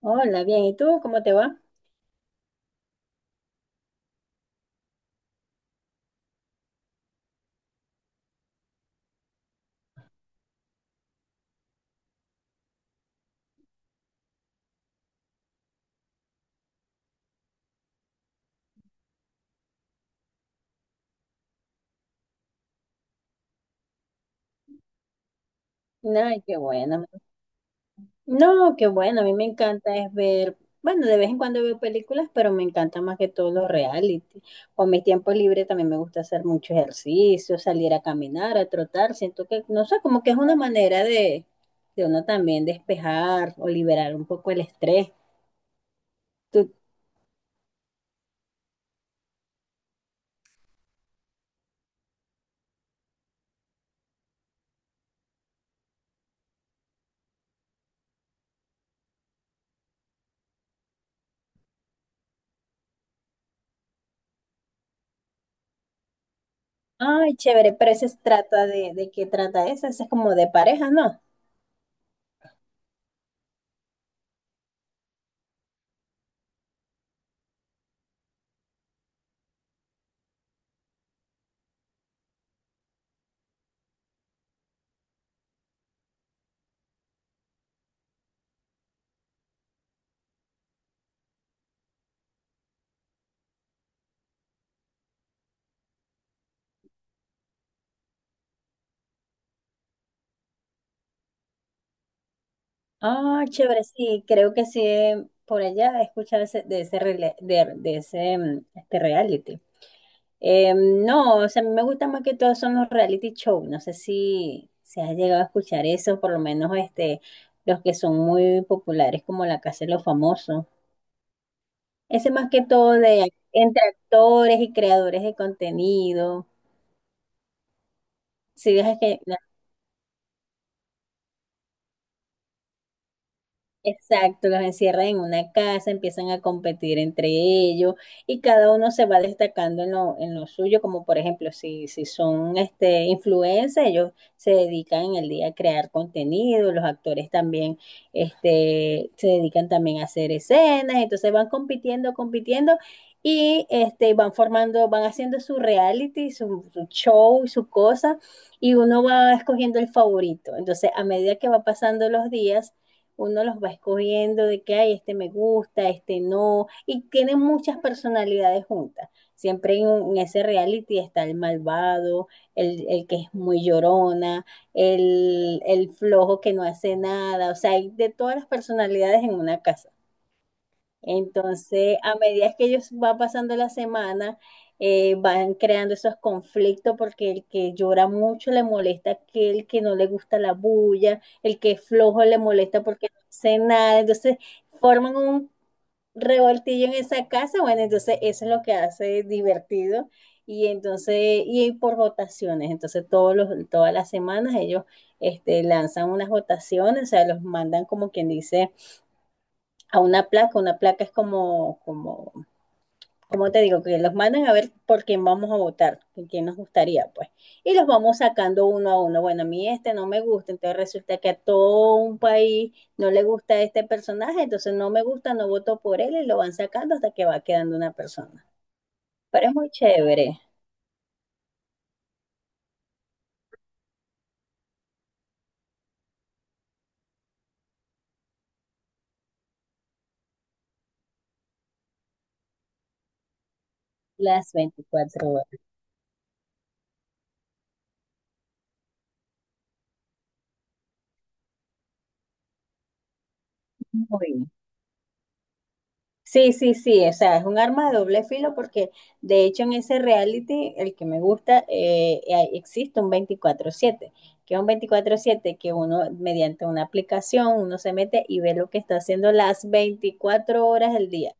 Hola, bien. ¿Y tú cómo te va? Ay, qué bueno. No, qué bueno. A mí me encanta es ver, bueno, de vez en cuando veo películas, pero me encanta más que todo los reality. Con mis tiempos libres también me gusta hacer mucho ejercicio, salir a caminar, a trotar. Siento que, no sé, como que es una manera de, uno también despejar o liberar un poco el estrés. Tú, ay, chévere, pero ese se trata ¿De qué trata ese? Ese es como de parejas, ¿no? Ah, chévere, sí, creo que sí, por allá he escuchado de ese, de ese este reality. No, o sea, a mí me gusta más que todo son los reality show. No sé si se ha llegado a escuchar eso, por lo menos los que son muy populares como La Casa de los Famosos. Ese más que todo de entre actores y creadores de contenido. Si ves que Exacto, los encierran en una casa, empiezan a competir entre ellos y cada uno se va destacando en lo suyo, como por ejemplo, si son influencers, ellos se dedican en el día a crear contenido, los actores también se dedican también a hacer escenas, entonces van compitiendo, compitiendo y van haciendo su reality, su show, su cosa y uno va escogiendo el favorito. Entonces, a medida que va pasando los días, uno los va escogiendo de que, ay, este me gusta, este no, y tienen muchas personalidades juntas. Siempre en ese reality está el malvado, el que es muy llorona, el flojo que no hace nada, o sea, hay de todas las personalidades en una casa. Entonces, a medida que ellos van pasando la semana, van creando esos conflictos porque el que llora mucho le molesta a aquel que no le gusta la bulla, el que es flojo le molesta porque no hace nada. Entonces, forman un revoltillo en esa casa. Bueno, entonces eso es lo que hace divertido. Y por votaciones. Entonces, todas las semanas ellos lanzan unas votaciones, o sea, los mandan como quien dice a una placa. Una placa es como te digo, que los mandan a ver por quién vamos a votar, por quién nos gustaría, pues. Y los vamos sacando uno a uno. Bueno, a mí este no me gusta, entonces resulta que a todo un país no le gusta este personaje, entonces no me gusta, no voto por él y lo van sacando hasta que va quedando una persona. Pero es muy chévere. Las 24 horas. Muy bien. Sí, sí, sí, o sea, es un arma de doble filo porque de hecho en ese reality, el que me gusta, existe un 24/7, que es un 24/7 que uno mediante una aplicación, uno se mete y ve lo que está haciendo las 24 horas del día.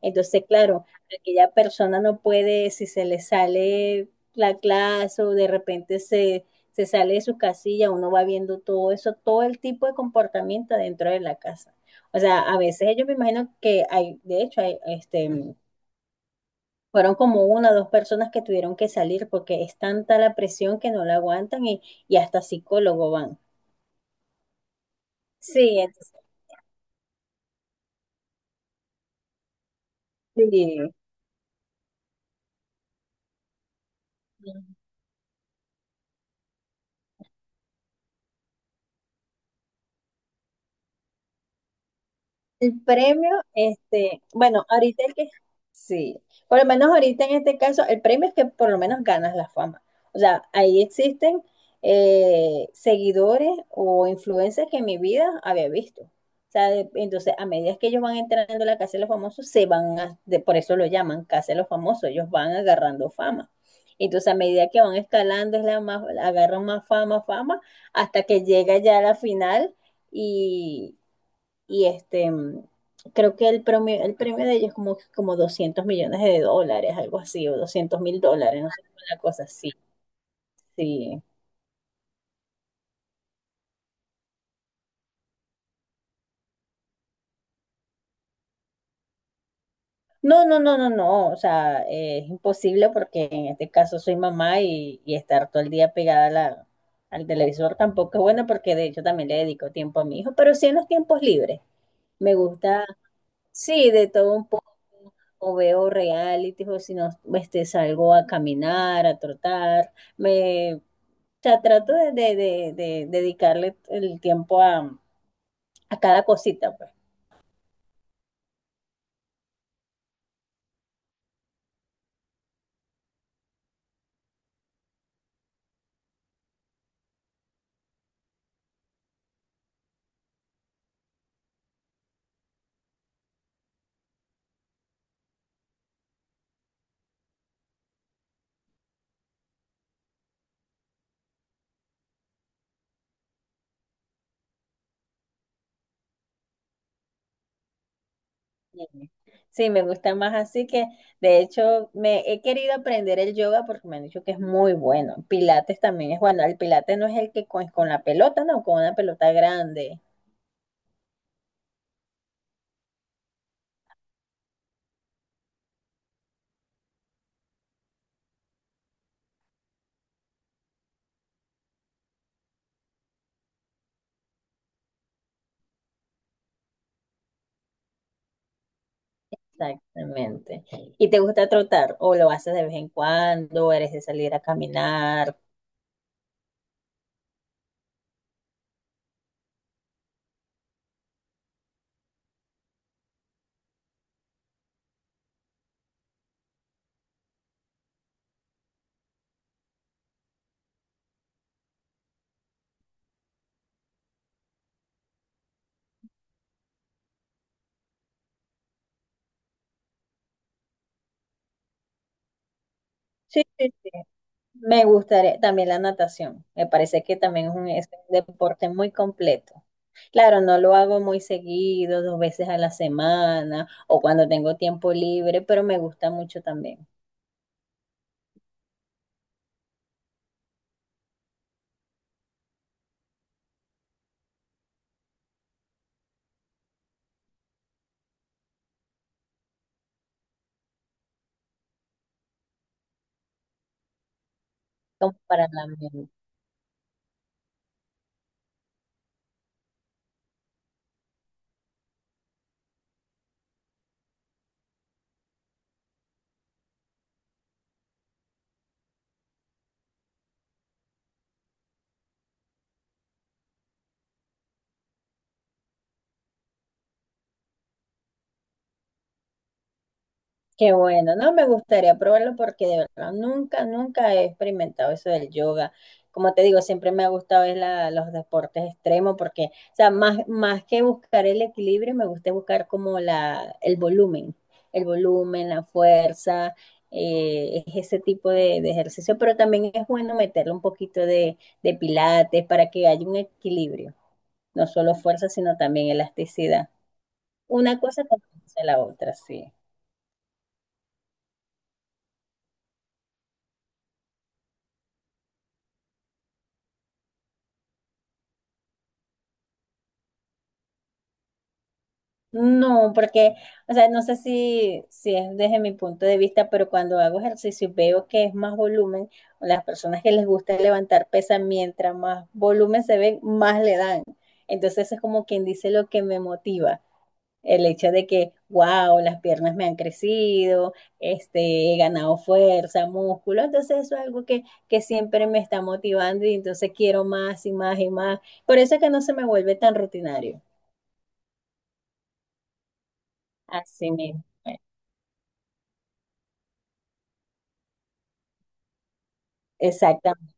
Entonces, claro, aquella persona no puede, si se le sale la clase o de repente se sale de su casilla, uno va viendo todo eso, todo el tipo de comportamiento dentro de la casa. O sea, a veces ellos me imagino que hay, de hecho, hay, fueron como una o dos personas que tuvieron que salir porque es tanta la presión que no la aguantan y hasta psicólogo van. Sí, entonces, sí. El premio, bueno, sí, por lo menos ahorita en este caso, el premio es que por lo menos ganas la fama. O sea, ahí existen seguidores o influencers que en mi vida había visto. O sea, entonces, a medida que ellos van entrando a la Casa de los Famosos, se van a, de- por eso lo llaman Casa de los Famosos, ellos van agarrando fama. Entonces, a medida que van escalando, agarran más fama, fama, hasta que llega ya a la final y creo que el premio de ellos es como $200 millones, algo así, o $200,000, no sé, una cosa así, sí. No, no, no, no, no, o sea, es imposible porque en este caso soy mamá y estar todo el día pegada a al televisor tampoco es bueno porque de hecho también le dedico tiempo a mi hijo, pero sí en los tiempos libres. Me gusta Sí, de todo un poco, o veo reality, o si no, salgo a caminar, a trotar, o sea, trato de dedicarle el tiempo a cada cosita, pues. Sí, sí, me gusta más así que, de hecho, me he querido aprender el yoga porque me han dicho que es muy bueno. Pilates también es bueno, el pilates no es el que con la pelota, no, con una pelota grande. Exactamente. ¿Y te gusta trotar? ¿O lo haces de vez en cuando? ¿Eres de salir a caminar? Sí, sí, sí. Me gustaría también la natación. Me parece que también es un deporte muy completo. Claro, no lo hago muy seguido, dos veces a la semana o cuando tengo tiempo libre, pero me gusta mucho también, como para la mente. Qué bueno, no me gustaría probarlo porque de verdad nunca, nunca he experimentado eso del yoga. Como te digo, siempre me ha gustado es los deportes extremos porque, o sea, más que buscar el equilibrio, me gusta buscar como el volumen, la fuerza, es ese tipo de ejercicio, pero también es bueno meterle un poquito de pilates para que haya un equilibrio, no solo fuerza, sino también elasticidad. Una cosa compensa la otra, sí. No, porque, o sea, no sé si es desde mi punto de vista, pero cuando hago ejercicio y veo que es más volumen, o las personas que les gusta levantar pesa, mientras más volumen se ven, más le dan. Entonces es como quien dice lo que me motiva, el hecho de que, wow, las piernas me han crecido, he ganado fuerza, músculo, entonces eso es algo que siempre me está motivando y entonces quiero más y más y más. Por eso es que no se me vuelve tan rutinario. Así mismo. Exactamente.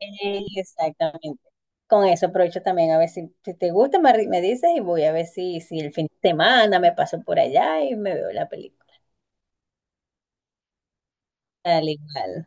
Exactamente. Con eso aprovecho también a ver si te gusta, me dices y voy a ver si el fin de semana me paso por allá y me veo la película. Al igual.